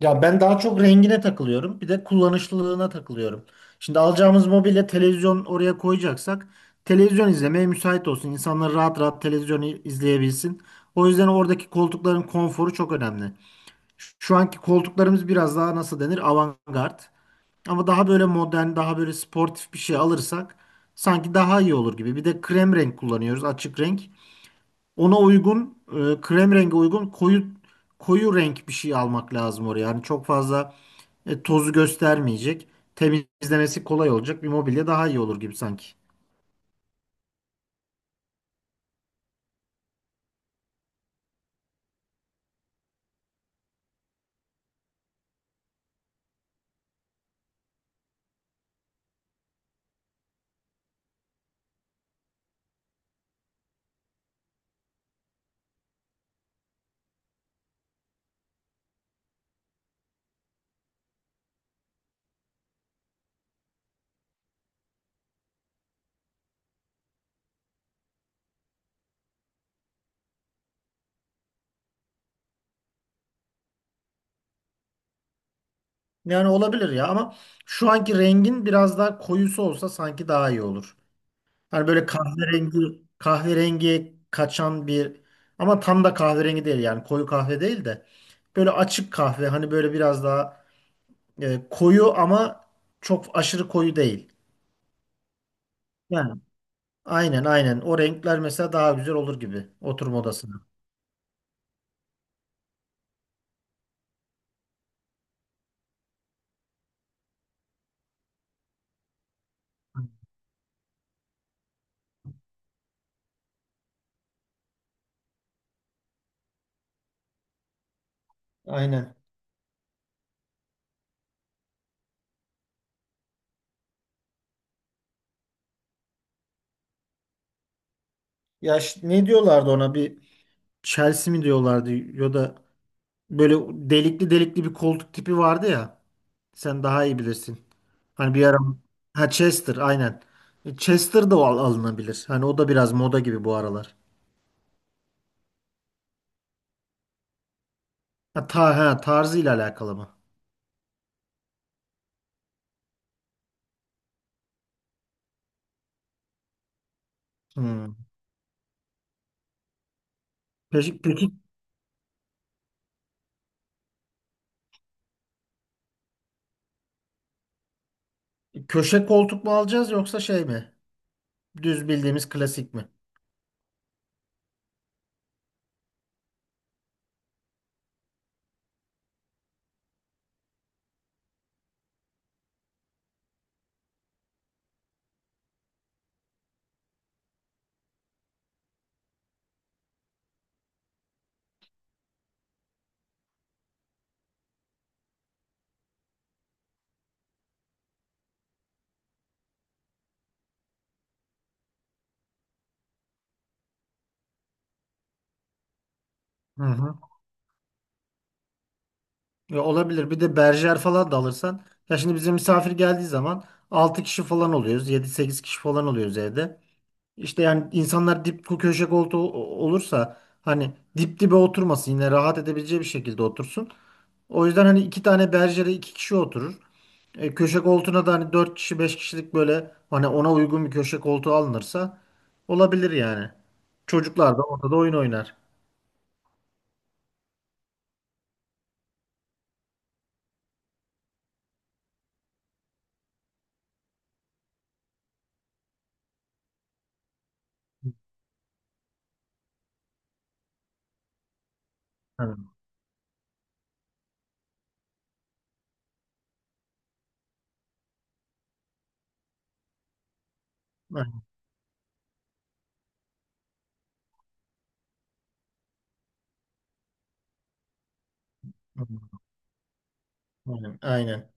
Ya ben daha çok rengine takılıyorum. Bir de kullanışlılığına takılıyorum. Şimdi alacağımız mobilya televizyon oraya koyacaksak televizyon izlemeye müsait olsun. İnsanlar rahat rahat televizyon izleyebilsin. O yüzden oradaki koltukların konforu çok önemli. Şu anki koltuklarımız biraz daha nasıl denir? Avantgard. Ama daha böyle modern, daha böyle sportif bir şey alırsak sanki daha iyi olur gibi. Bir de krem renk kullanıyoruz, açık renk. Ona uygun krem rengi uygun koyu renk bir şey almak lazım oraya. Yani çok fazla tozu göstermeyecek. Temizlemesi kolay olacak bir mobilya daha iyi olur gibi sanki. Yani olabilir ya ama şu anki rengin biraz daha koyusu olsa sanki daha iyi olur. Hani böyle kahverengi kaçan bir ama tam da kahverengi değil yani koyu kahve değil de böyle açık kahve hani böyle biraz daha koyu ama çok aşırı koyu değil. Yani aynen aynen. O renkler mesela daha güzel olur gibi oturma odasına. Aynen. Ne diyorlardı ona bir Chelsea mi diyorlardı ya da böyle delikli delikli bir koltuk tipi vardı ya. Sen daha iyi bilirsin. Hani bir ara ha Chester aynen. Chester da alınabilir. Hani o da biraz moda gibi bu aralar. Ha, tarzıyla alakalı mı? Hmm. Peki, peki köşe koltuk mu alacağız yoksa şey mi? Düz bildiğimiz klasik mi? Hı hı. Ya olabilir. Bir de berjer falan da alırsan. Ya şimdi bize misafir geldiği zaman 6 kişi falan oluyoruz. Yedi sekiz kişi falan oluyoruz evde. İşte yani insanlar köşe koltuğu olursa hani dip dibe oturmasın yine rahat edebileceği bir şekilde otursun. O yüzden hani iki tane berjere iki kişi oturur. Köşe koltuğuna da hani 4 kişi 5 kişilik böyle hani ona uygun bir köşe koltuğu alınırsa olabilir yani. Çocuklar da ortada oyun oynar. Aynen. Aynen. Aynen. Aynen.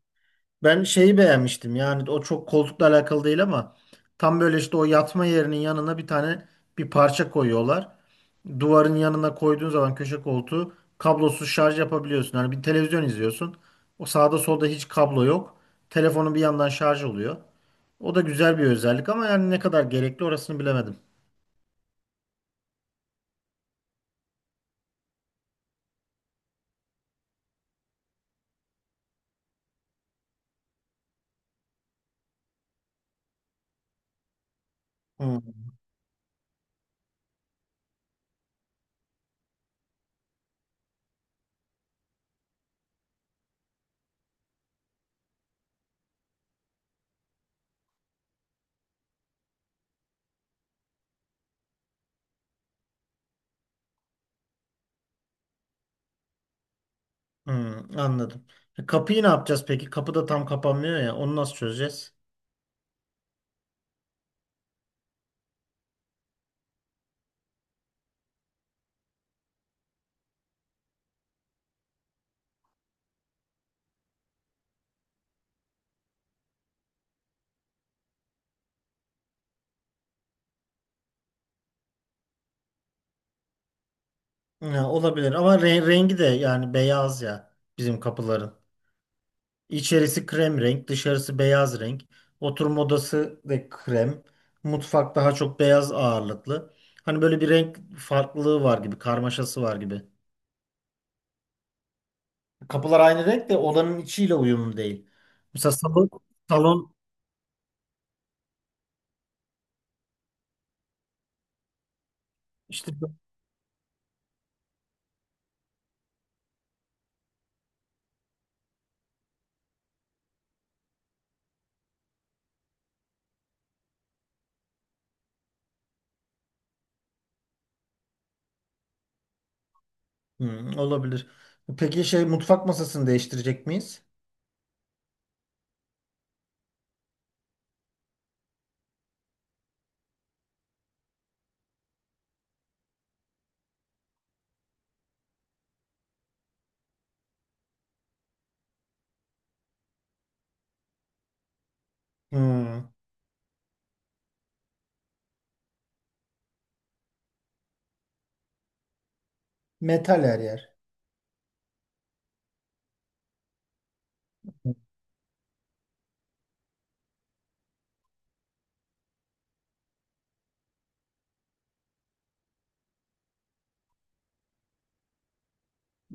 Ben şeyi beğenmiştim yani o çok koltukla alakalı değil ama tam böyle işte o yatma yerinin yanına bir tane bir parça koyuyorlar. Duvarın yanına koyduğun zaman köşe koltuğu kablosuz şarj yapabiliyorsun. Hani bir televizyon izliyorsun. O sağda solda hiç kablo yok. Telefonun bir yandan şarj oluyor. O da güzel bir özellik ama yani ne kadar gerekli orasını bilemedim. Hmm, hmm, anladım. E, kapıyı ne yapacağız peki? Kapı da tam kapanmıyor ya. Onu nasıl çözeceğiz? Ya, olabilir ama rengi de yani beyaz ya bizim kapıların. İçerisi krem renk, dışarısı beyaz renk. Oturma odası da krem. Mutfak daha çok beyaz ağırlıklı. Hani böyle bir renk farklılığı var gibi, karmaşası var gibi. Kapılar aynı renk de odanın içiyle uyumlu değil. Mesela salon, işte. Hmm, olabilir. Peki şey mutfak masasını değiştirecek miyiz? Hmm, metal her yer.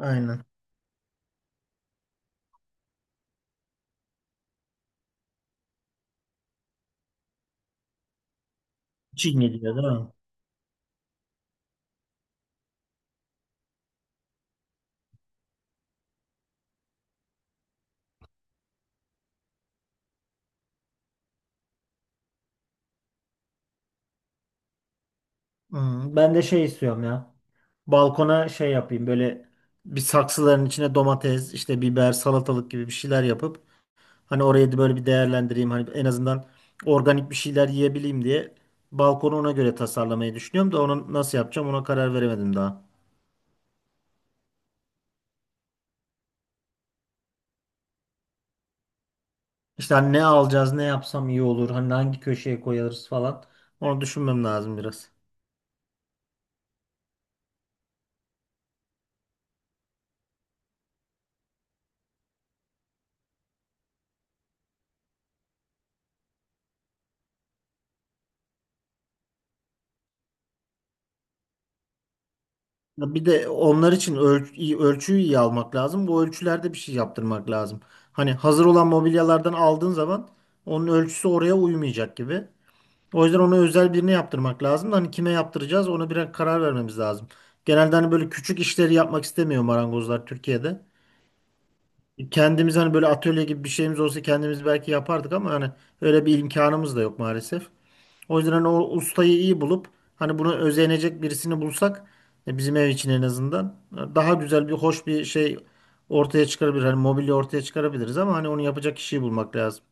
Aynen. Çin geliyor değil mi? Hmm, ben de şey istiyorum ya. Balkona şey yapayım böyle bir saksıların içine domates, işte biber, salatalık gibi bir şeyler yapıp hani orayı da böyle bir değerlendireyim. Hani en azından organik bir şeyler yiyebileyim diye balkonu ona göre tasarlamayı düşünüyorum da onu nasıl yapacağım ona karar veremedim daha. İşte hani ne alacağız, ne yapsam iyi olur, hani hangi köşeye koyarız falan. Onu düşünmem lazım biraz. Ya bir de onlar için ölçüyü iyi almak lazım. Bu ölçülerde bir şey yaptırmak lazım. Hani hazır olan mobilyalardan aldığın zaman onun ölçüsü oraya uymayacak gibi. O yüzden onu özel birine yaptırmak lazım. Hani kime yaptıracağız ona bir karar vermemiz lazım. Genelde hani böyle küçük işleri yapmak istemiyor marangozlar Türkiye'de. Kendimiz hani böyle atölye gibi bir şeyimiz olsa kendimiz belki yapardık ama hani öyle bir imkanımız da yok maalesef. O yüzden hani o ustayı iyi bulup hani bunu özenecek birisini bulsak bizim ev için en azından daha güzel bir hoş bir şey ortaya çıkarabilir. Hani mobilya ortaya çıkarabiliriz ama hani onu yapacak kişiyi bulmak lazım.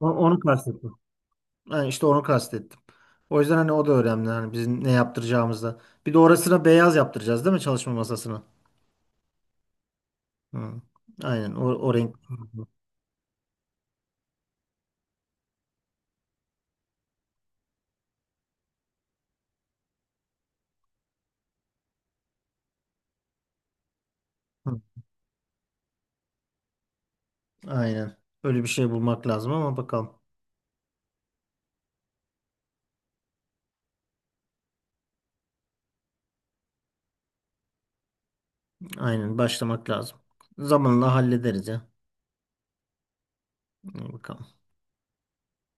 Onu kastettim. Yani işte onu kastettim. O yüzden hani o da önemli hani bizim ne yaptıracağımızda. Bir de orasına beyaz yaptıracağız değil mi çalışma masasına? Hı. Aynen o, o renk. Hı. Aynen. Öyle bir şey bulmak lazım ama bakalım. Aynen başlamak lazım. Zamanla hallederiz ya. İyi bakalım.